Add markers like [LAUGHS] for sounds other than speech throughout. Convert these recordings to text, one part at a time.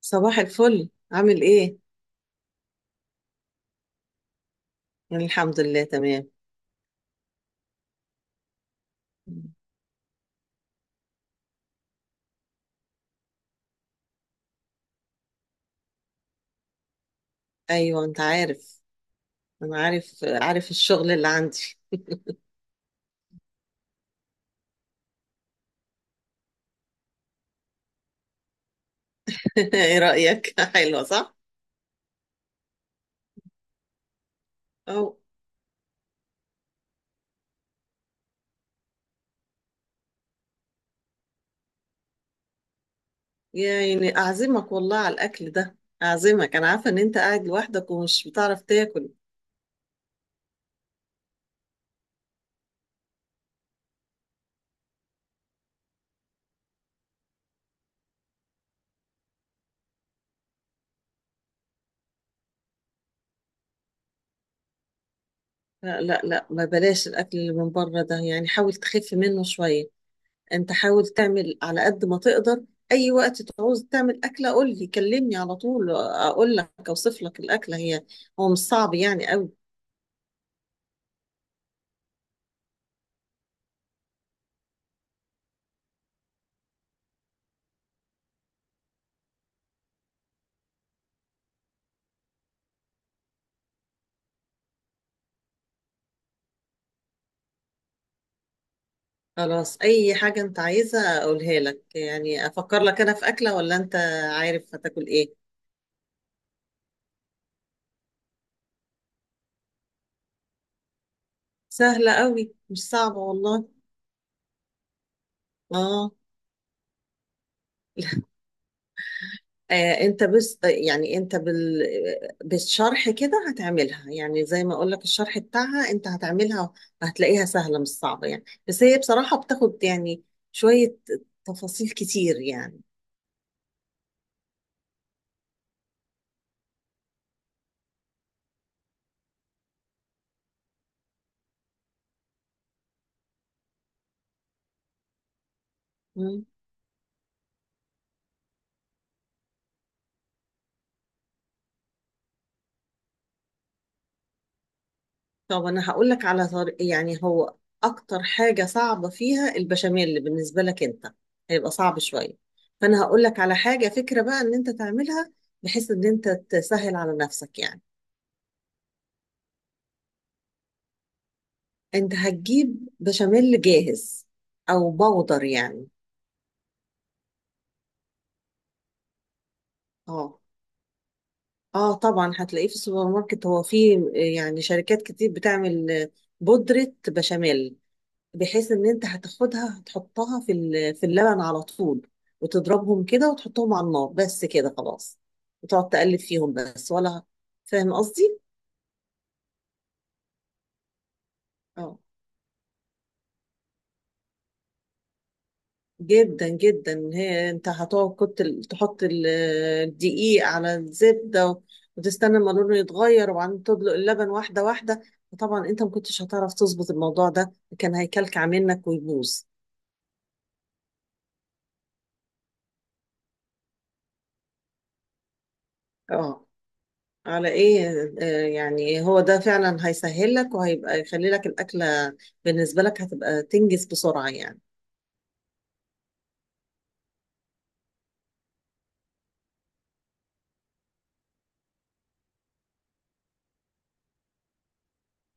صباح الفل عامل ايه؟ يعني الحمد لله تمام. ايوه انت عارف، انا عارف الشغل اللي عندي. [LAUGHS] ايه رأيك؟ حلوة صح؟ او يعني اعزمك والله على الاكل ده. اعزمك، انا عارفة ان انت قاعد لوحدك ومش بتعرف تاكل. لا لا لا، ما بلاش الاكل اللي من بره ده، يعني حاول تخف منه شوية. انت حاول تعمل على قد ما تقدر. اي وقت تعوز تعمل اكلة قول لي، كلمني على طول، اقول لك اوصف لك الاكلة هي. هو مش صعب يعني قوي. خلاص، اي حاجة انت عايزة اقولها لك، يعني افكر لك انا في اكلة ولا انت عارف هتاكل ايه؟ سهلة قوي، مش صعبة والله. اه. [LAUGHS] انت بس يعني انت بالشرح كده هتعملها، يعني زي ما اقول لك الشرح بتاعها انت هتعملها، هتلاقيها سهلة مش صعبة يعني، بس هي بصراحة بتاخد يعني شوية تفاصيل كتير يعني. طب انا هقول لك على طريق، يعني هو اكتر حاجه صعبه فيها البشاميل، اللي بالنسبه لك انت هيبقى صعب شويه، فانا هقول لك على حاجه فكره بقى ان انت تعملها بحيث ان انت تسهل على نفسك يعني. انت هتجيب بشاميل جاهز او بودر يعني. اه. اه طبعا هتلاقيه في السوبر ماركت، هو فيه يعني شركات كتير بتعمل بودرة بشاميل، بحيث ان انت هتاخدها هتحطها في اللبن على طول، وتضربهم كده وتحطهم على النار بس كده خلاص، وتقعد تقلب فيهم بس ولا. فاهم قصدي؟ اه جدا جدا هي انت هتقعد كنت ال- تحط ال- الدقيق على الزبده و- وتستنى ما لونه يتغير وبعدين تدلق اللبن واحده واحده وطبعا انت ما كنتش هتعرف تظبط الموضوع ده كان هيكلكع منك ويبوظ اه، على ايه. يعني هو ده فعلا هيسهل لك وهيبقى يخلي لك الأكلة بالنسبة لك هتبقى تنجز بسرعة يعني.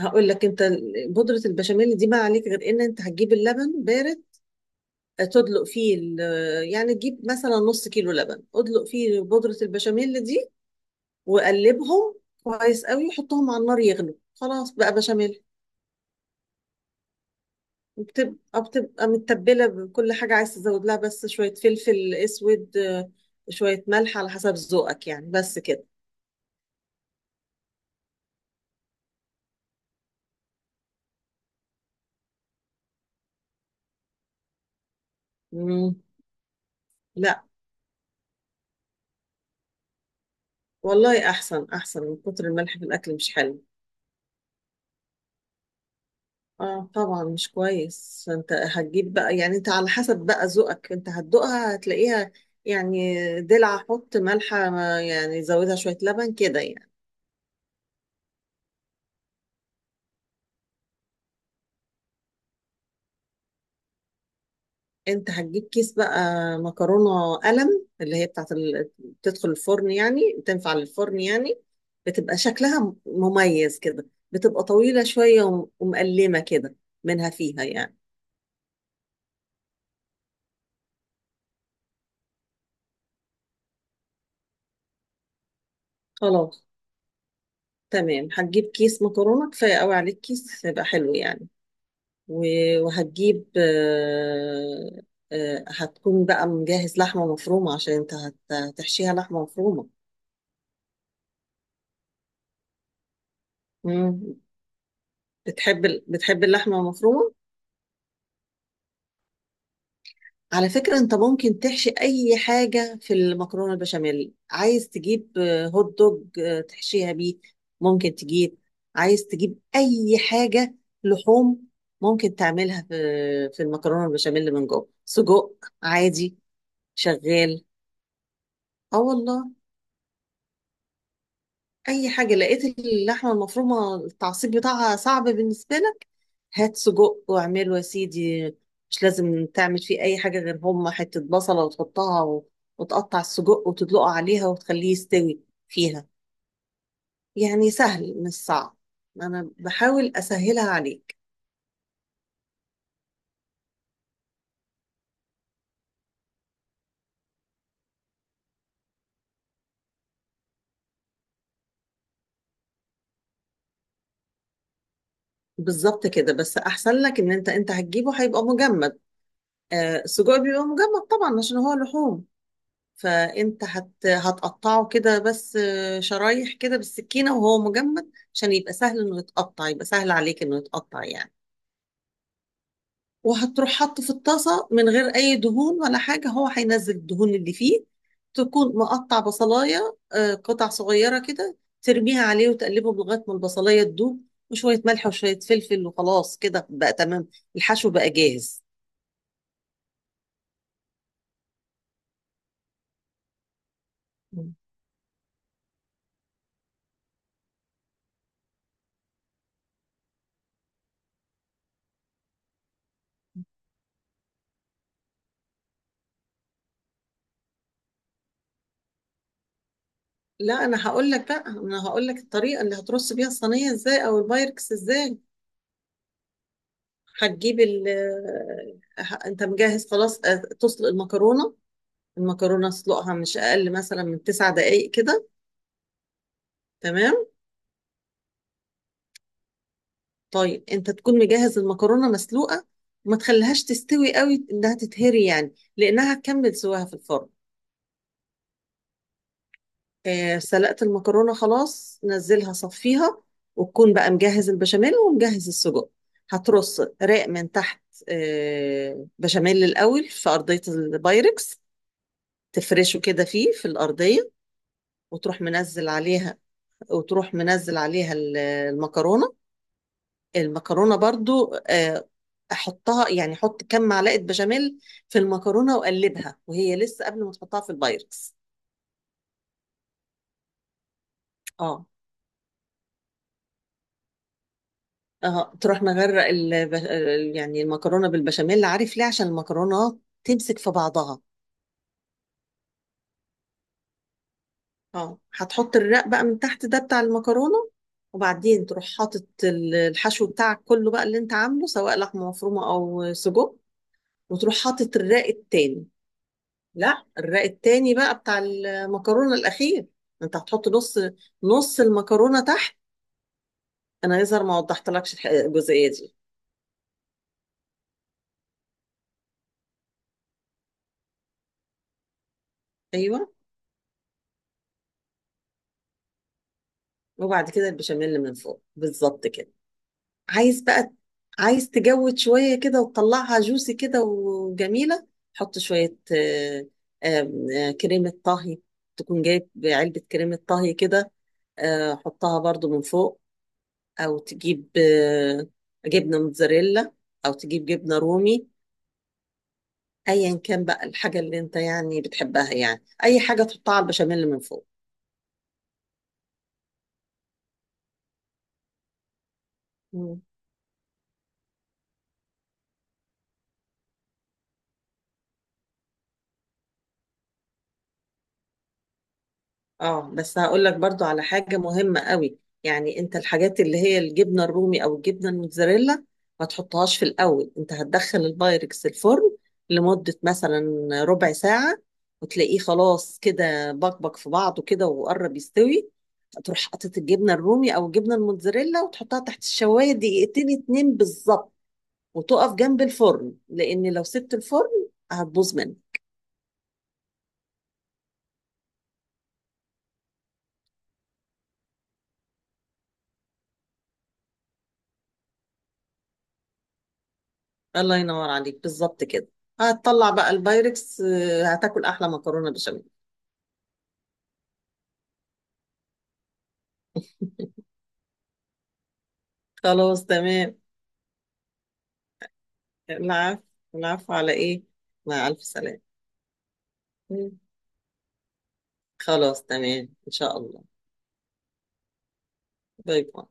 هقول لك، انت بودرة البشاميل دي ما عليك غير ان انت هتجيب اللبن بارد، تدلق فيه يعني تجيب مثلا نص كيلو لبن، ادلق فيه بودرة البشاميل دي وقلبهم كويس قوي، وحطهم على النار يغلوا، خلاص بقى بشاميل. بتبقى متبلة بكل حاجة، عايز تزود لها بس شوية فلفل اسود، شوية ملح على حسب ذوقك يعني بس كده. مم. لا والله، احسن. احسن من كتر الملح في الاكل، مش حلو. اه طبعا مش كويس. انت هتجيب بقى، يعني انت على حسب بقى ذوقك، انت هتدوقها هتلاقيها يعني دلع، حط ملحة، يعني زودها شوية لبن كده يعني. انت هتجيب كيس بقى مكرونة قلم، اللي هي بتاعت ال... بتدخل الفرن، يعني تنفع للفرن يعني، بتبقى شكلها مميز كده، بتبقى طويلة شوية وم- ومقلمة كده منها فيها يعني. خلاص تمام. هتجيب كيس مكرونة كفاية قوي عليك، كيس هيبقى حلو يعني. و وهتجيب هتكون بقى مجهز لحمة مفرومة، عشان انت هتحشيها لحمة مفرومة. مم. بتحب اللحمة المفرومة. على فكرة انت ممكن تحشي اي حاجة في المكرونة البشاميل، عايز تجيب هوت دوج، تحشيها بيه، ممكن تجيب، عايز تجيب اي حاجة لحوم، ممكن تعملها في في المكرونة البشاميل من جوه سجق، عادي، شغال. اه والله. اي حاجة لقيت اللحمة المفرومة التعصيب بتاعها صعب بالنسبة لك، هات سجق واعمله يا سيدي. مش لازم تعمل فيه اي حاجه غير هم حته بصله وتحطها و... وتقطع السجق وتدلقه عليها وتخليه يستوي فيها. يعني سهل، مش صعب، انا بحاول اسهلها عليك. بالظبط كده، بس احسن لك ان انت هتجيبه هيبقى مجمد. آه السجق بيبقى مجمد طبعا، عشان هو لحوم. فانت هتقطعه كده بس، شرايح كده بالسكينه وهو مجمد، عشان يبقى سهل انه يتقطع، يبقى سهل عليك انه يتقطع يعني. وهتروح حاطه في الطاسة من غير أي دهون ولا حاجة، هو هينزل الدهون اللي فيه. تكون مقطع بصلاية قطع صغيرة كده، ترميها عليه وتقلبه لغاية ما البصلاية تدوب، وشوية ملح وشوية فلفل وخلاص كده بقى تمام. الحشو بقى جاهز. مم. لا، أنا هقول لك بقى، أنا هقول لك الطريقة اللي هترص بيها الصينية إزاي أو البايركس إزاي. هتجيب ال، أنت مجهز خلاص تسلق المكرونة. المكرونة اسلقها مش أقل مثلا من 9 دقايق كده. تمام. طيب انت تكون مجهز المكرونه مسلوقه، وما تخليهاش تستوي قوي انها تتهري يعني، لانها هتكمل سواها في الفرن. آه سلقت المكرونه خلاص، نزلها صفيها، وتكون بقى مجهز البشاميل ومجهز السجق. هترص رق من تحت، آه بشاميل الاول في ارضيه البايركس، تفرشه كده فيه في الارضيه، وتروح منزل عليها. وتروح منزل عليها المكرونه. المكرونه برضو، احطها، يعني احط كام معلقه بشاميل في المكرونه واقلبها وهي لسه قبل ما تحطها في البايركس. اه اه، تروح مغرق يعني المكرونه بالبشاميل، عارف ليه؟ عشان المكرونه تمسك في بعضها. اه هتحط الرق بقى من تحت ده بتاع المكرونه، وبعدين تروح حاطط الحشو بتاعك كله بقى، اللي انت عامله سواء لحمه مفرومه او سجق، وتروح حاطط الرق التاني. لا الرق التاني بقى بتاع المكرونة الأخير. أنت هتحط نص، نص المكرونة تحت. أنا يظهر ما وضحتلكش الجزئية دي. أيوه، وبعد كده البشاميل من فوق بالظبط كده. عايز بقى، عايز تجود شوية كده وتطلعها جوسي كده وجميلة، حط شوية آه، آم، آه، كريمة طهي، تكون جايب علبة كريمة طهي كده، حطها برضو من فوق، أو تجيب جبنة موتزاريلا، أو تجيب جبنة رومي، ايا كان بقى الحاجه اللي انت يعني بتحبها، يعني اي حاجه تحطها على البشاميل من فوق. مم. اه بس هقول لك برضو على حاجه مهمه قوي. يعني انت الحاجات اللي هي الجبنه الرومي او الجبنه الموتزاريلا، ما تحطهاش في الاول. انت هتدخل البايركس الفرن لمده مثلا ربع ساعه، وتلاقيه خلاص كده بكبك في بعضه كده وقرب يستوي، تروح حاطط الجبنه الرومي او الجبنه الموتزاريلا وتحطها تحت الشوايه 2 دقيقتين بالظبط، وتقف جنب الفرن، لان لو سبت الفرن هتبوظ منك. الله ينور عليك، بالظبط كده. هتطلع بقى البايركس، هتاكل احلى مكرونه بشاميل. خلاص تمام. العفو. العفو على ايه. مع الف سلامه. مم. خلاص تمام ان شاء الله. باي باي.